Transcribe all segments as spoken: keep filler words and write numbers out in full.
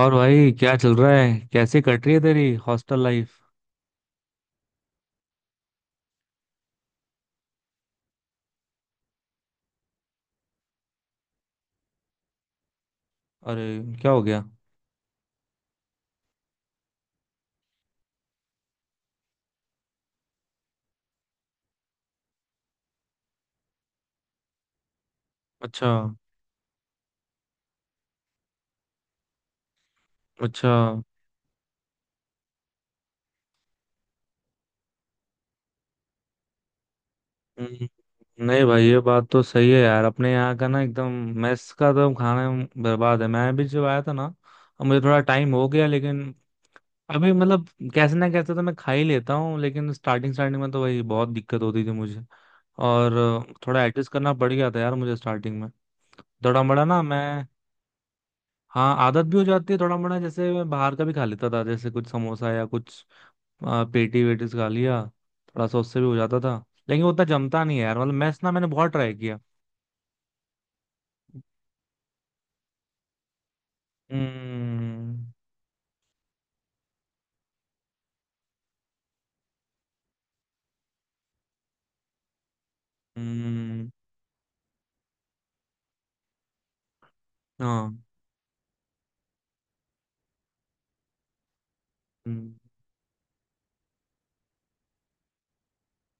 और भाई, क्या चल रहा है? कैसे कट रही है तेरी हॉस्टल लाइफ? अरे, क्या हो गया? अच्छा। अच्छा। हम्म, नहीं भाई, ये बात तो सही है यार। अपने यहाँ का ना एकदम मेस का तो खाना बर्बाद है। मैं भी जब आया था ना, अब मुझे थोड़ा टाइम हो गया, लेकिन अभी मतलब कैसे ना कैसे तो मैं खा ही लेता हूँ। लेकिन स्टार्टिंग स्टार्टिंग में तो भाई बहुत दिक्कत होती थी मुझे। और अ, थोड़ा एडजस्ट करना पड़ गया था यार मुझे स्टार्टिंग में। थोड़ा बड़ा ना मैं। हाँ, आदत भी हो जाती है थोड़ा मोड़ा। जैसे मैं बाहर का भी खा लेता था, जैसे कुछ समोसा या कुछ आ, पेटी वेटीस खा लिया, थोड़ा सा उससे भी हो जाता था। लेकिन वो उतना जमता नहीं है यार। मतलब मैस ना, मैंने बहुत ट्राई किया। हम्म। हम्म, हाँ। हम्म।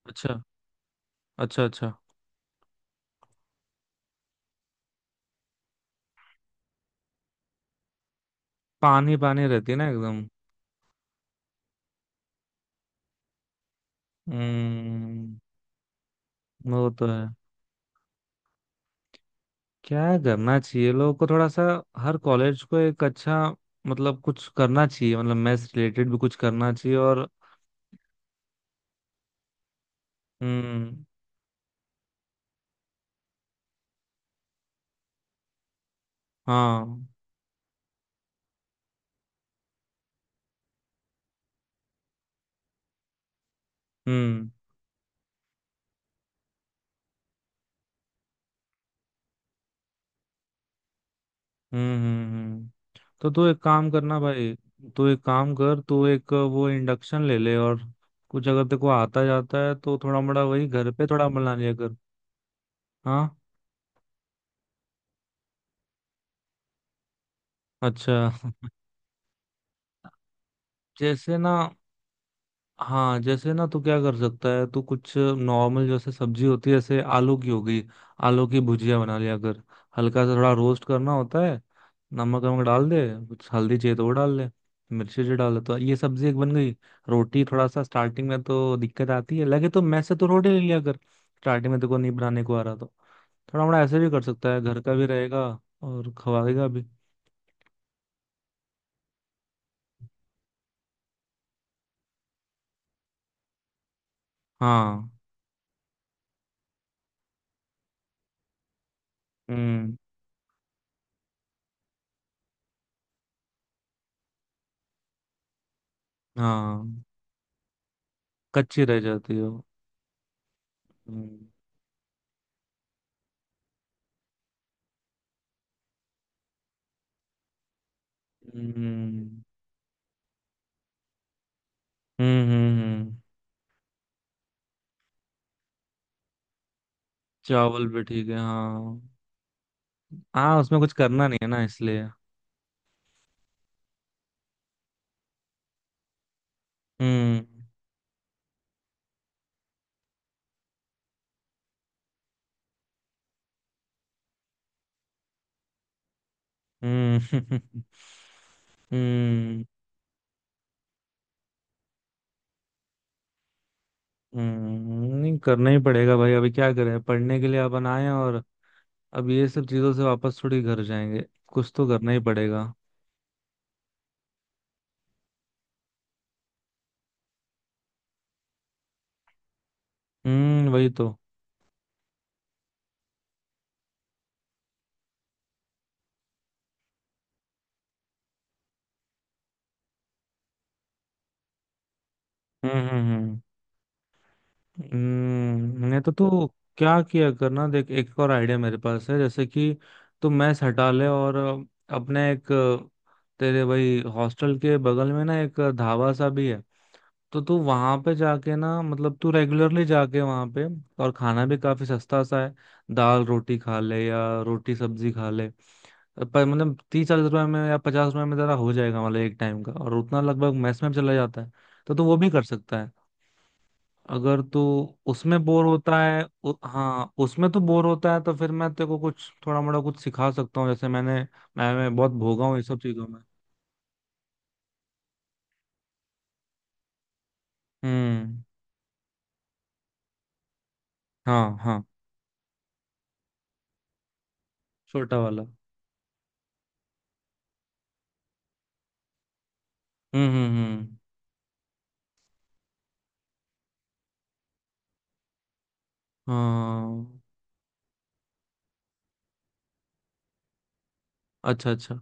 अच्छा। अच्छा। अच्छा। पानी पानी रहती है ना एकदम। हम्म, वो तो है। क्या करना चाहिए लोगों को थोड़ा सा। हर कॉलेज को एक अच्छा मतलब कुछ करना चाहिए, मतलब मैथ्स रिलेटेड भी कुछ करना चाहिए और हम्म। हाँ। हम्म। हम्म। हम्म। हम्म। तो तू एक काम करना भाई, तू एक काम कर। तू एक वो इंडक्शन ले ले, और कुछ अगर तेरे को आता जाता है तो थोड़ा मोड़ा वही घर पे थोड़ा बना लिया कर। हाँ। अच्छा, जैसे ना। हाँ जैसे ना तो क्या कर सकता है, तो कुछ नॉर्मल, जैसे सब्जी होती है, जैसे आलू की हो गई। आलू की भुजिया बना लिया, अगर हल्का सा थोड़ा रोस्ट करना होता है, नमक वमक डाल दे, कुछ हल्दी चाहिए तो वो डाल ले, मिर्ची जी डाल ले, तो ये सब्जी एक बन गई। रोटी थोड़ा सा स्टार्टिंग में तो दिक्कत आती है, लगे तो मैस से तो रोटी ले लिया कर। स्टार्टिंग में देखो नहीं बनाने को आ रहा, तो थोड़ा मोड़ा ऐसे भी कर सकता है, घर का भी रहेगा और खवाएगा भी। हाँ। हम्म। हाँ, कच्ची रह जाती है वो। हम्म। हम्म। हम्म। हम्म। हम्म। चावल भी ठीक है। हाँ, हाँ उसमें कुछ करना नहीं है ना इसलिए। हम्म। हम्म। हम्म। हम्म, नहीं करना ही पड़ेगा भाई, अभी क्या करें, पढ़ने के लिए अपन आए हैं, और अब ये सब चीजों से वापस थोड़ी घर जाएंगे। कुछ तो करना ही पड़ेगा। हम्म, वही तो। हम्म। हम्म। हम्म। हम्म, नहीं तो तू क्या किया करना, देख एक और आइडिया मेरे पास है, जैसे कि तू मैस हटा ले, और अ, अपने एक अ, तेरे भाई हॉस्टल के बगल में ना एक ढाबा सा भी है। तो तू वहां पे जाके ना, मतलब तू रेगुलरली जाके वहां पे, और खाना भी काफी सस्ता सा है, दाल रोटी खा ले या रोटी सब्जी खा ले, पर मतलब तीस चालीस रुपए में या पचास रुपए में तेरा हो जाएगा मतलब एक टाइम का, और उतना लगभग मैस में भी चला जाता है। तो तू वो भी कर सकता है। अगर तू उसमें बोर होता है उ, हाँ उसमें तो बोर होता है, तो फिर मैं तेरे को कुछ थोड़ा मोड़ा कुछ सिखा सकता हूँ। जैसे मैंने मैं, मैं बहुत भोगा हूँ ये सब चीजों में। हम्म। हाँ। हाँ, छोटा वाला। हम्म। हम्म। हम्म। हाँ। अच्छा। अच्छा।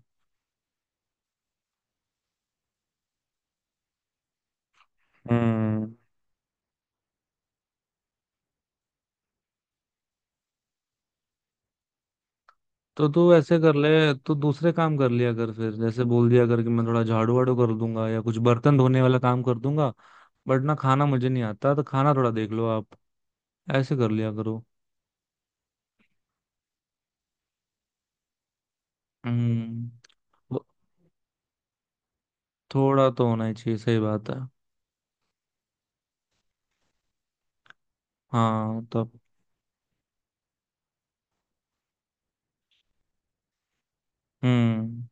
हम्म, तो तू ऐसे कर ले। तू दूसरे काम कर लिया कर, फिर जैसे बोल दिया कर कि मैं थोड़ा झाड़ू वाड़ू कर दूंगा या कुछ बर्तन धोने वाला काम कर दूंगा, बट ना खाना मुझे नहीं आता, तो खाना थोड़ा देख लो आप, ऐसे कर लिया करो। हम्म। थोड़ा तो होना ही चाहिए, सही बात है। हाँ तब। हम्म।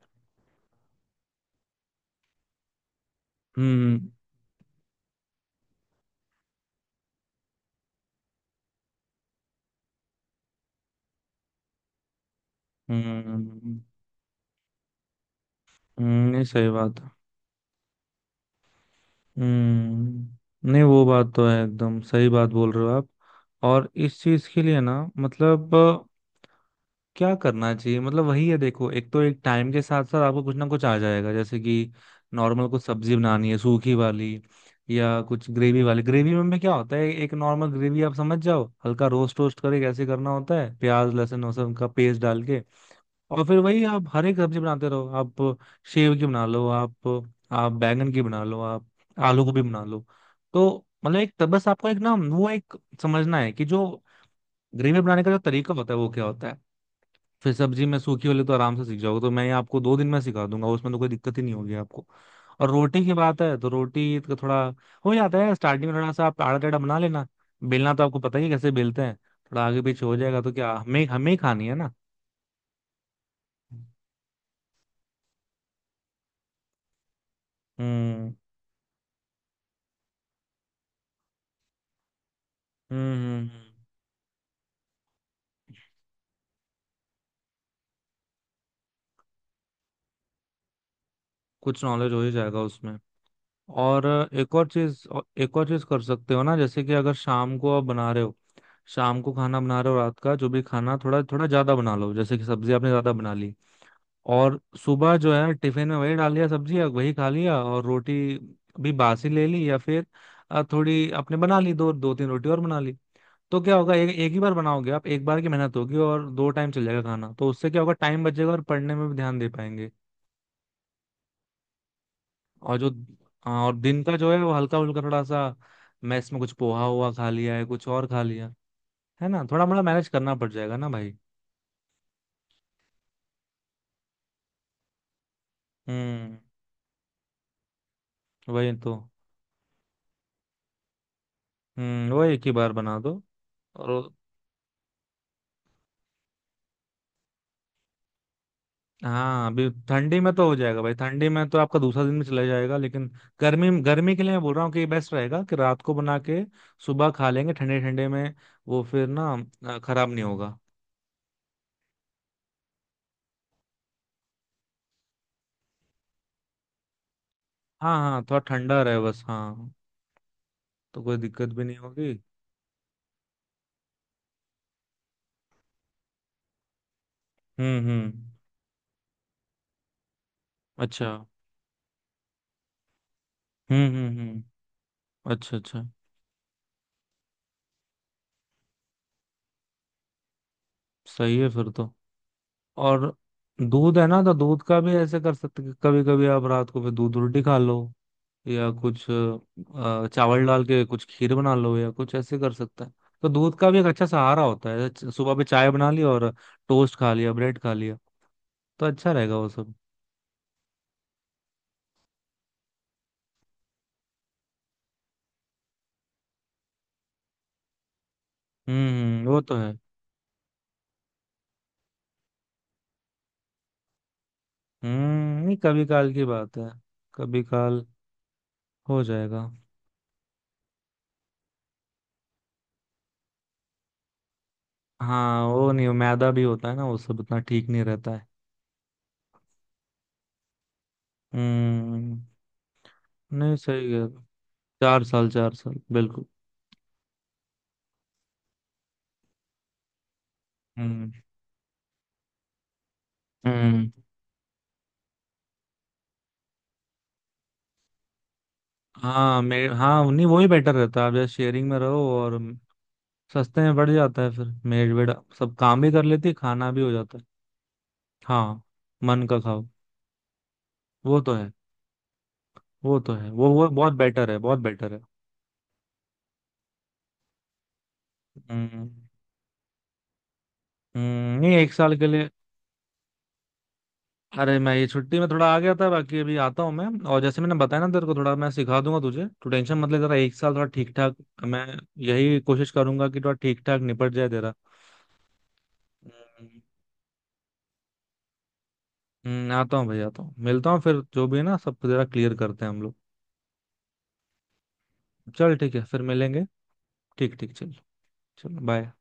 हम्म। हम्म। हम्म, नहीं सही बात है। हम्म, नहीं वो बात तो है, एकदम सही बात बोल रहे हो आप। और इस चीज के लिए ना मतलब अ, क्या करना चाहिए, मतलब वही है देखो, एक तो एक टाइम के साथ साथ आपको कुछ ना कुछ आ जाएगा, जैसे कि नॉर्मल कुछ सब्जी बनानी है सूखी वाली, या कुछ ग्रेवी वाली। ग्रेवी में में क्या होता है एक नॉर्मल ग्रेवी आप समझ जाओ, हल्का रोस्ट रोस्ट करके कैसे करना होता है, प्याज लहसुन वो सब का पेस्ट डाल के, और फिर वही आप हर एक सब्जी बनाते रहो। आप सेव की बना लो, आप आप बैंगन की बना लो, आप आलू गोभी बना लो। तो मतलब एक तब बस आपको एक ना वो एक समझना है कि जो ग्रेवी बनाने का जो तरीका होता है वो क्या होता है। फिर सब्जी में सूखी वाली तो आराम से सीख जाओगे, तो मैं आपको दो दिन में सिखा दूंगा, उसमें तो कोई दिक्कत ही नहीं होगी आपको। और रोटी की बात है तो रोटी का थोड़ा हो जाता है स्टार्टिंग में, थोड़ा सा आप आड़ा टेढ़ा बना लेना, बेलना तो आपको पता ही है कैसे बेलते हैं। थोड़ा आगे पीछे हो जाएगा तो क्या, हमें हमें ही खानी है ना। हम्म। हम्म। हम्म। हम्म। कुछ नॉलेज हो ही जाएगा उसमें। और अ, एक और चीज, और एक और चीज कर सकते हो ना, जैसे कि अगर शाम को आप बना रहे हो, शाम को खाना बना रहे हो रात का, जो भी खाना थोड़ा थोड़ा ज्यादा बना लो, जैसे कि सब्जी आपने ज्यादा बना ली, और सुबह जो है टिफिन में वही डाल लिया सब्जी, और वही खा लिया। और रोटी भी बासी ले ली, या फिर अ, थोड़ी आपने बना ली, दो दो तीन रोटी और बना ली। तो क्या होगा, एक एक ही बार बनाओगे आप, एक बार की मेहनत होगी और दो टाइम चल जाएगा खाना। तो उससे क्या होगा, टाइम बचेगा और पढ़ने में भी ध्यान दे पाएंगे। और जो, हाँ, और दिन का जो है वो हल्का फुल्का थोड़ा सा मैस में कुछ पोहा हुआ खा लिया है, कुछ और खा लिया है ना, थोड़ा मोड़ा मैनेज करना पड़ जाएगा ना भाई। हम्म, वही तो। हम्म, वही एक ही बार बना दो। और वो- हाँ, अभी ठंडी में तो हो जाएगा भाई, ठंडी में तो आपका दूसरा दिन भी चला जाएगा। लेकिन गर्मी गर्मी के लिए मैं बोल रहा हूँ कि बेस्ट रहेगा कि रात को बना के सुबह खा लेंगे ठंडे ठंडे में, वो फिर ना अ, खराब नहीं होगा। हाँ, हाँ थोड़ा ठंडा रहे बस। हाँ, तो कोई दिक्कत भी नहीं होगी। हम्म। हम्म। अच्छा। हम्म। हम्म। हम्म। अच्छा। अच्छा। सही है फिर तो। और दूध है ना, तो दूध का भी ऐसे कर सकते कि कभी कभी आप रात को फिर दूध रोटी खा लो, या कुछ अ, चावल डाल के कुछ खीर बना लो, या कुछ ऐसे कर सकते हैं। तो दूध का भी एक अच्छा सहारा होता है। च- सुबह पे चाय बना ली और टोस्ट खा लिया, ब्रेड खा लिया, तो अच्छा रहेगा वो सब। हम्म। हम्म, वो तो है। हम्म, नहीं कभी काल की बात है। कभी काल हो जाएगा। हाँ वो नहीं, मैदा भी होता है ना वो सब, इतना ठीक नहीं रहता है। हम्म। नहीं सही है। चार साल, चार साल बिल्कुल। हम्म। हम्म। हाँ, मेड। हाँ, नहीं वही बेटर रहता है, आप जैसे शेयरिंग में रहो और सस्ते में पड़ जाता है फिर। मेड वेड सब काम भी कर लेती है, खाना भी हो जाता है। हाँ, मन का खाओ। वो तो है। वो तो है, वो वो बहुत बेटर है, बहुत बेटर है। हम्म। हम्म, नहीं एक साल के लिए। अरे, मैं ये छुट्टी में थोड़ा आ गया था, बाकी अभी आता हूँ मैं। और जैसे मैंने बताया ना तेरे को, थोड़ा मैं सिखा दूंगा तुझे, तू टेंशन मत ले जरा, एक साल थोड़ा ठीक ठाक। मैं यही कोशिश करूंगा कि थोड़ा ठीक ठाक निपट जाए तेरा। हम्म। हम्म, आता हूँ भाई, आता हूँ, मिलता हूँ फिर, जो भी है ना सब जरा क्लियर करते हैं हम लोग। चल ठीक है, फिर मिलेंगे। ठीक ठीक, चल। चलो, बाय।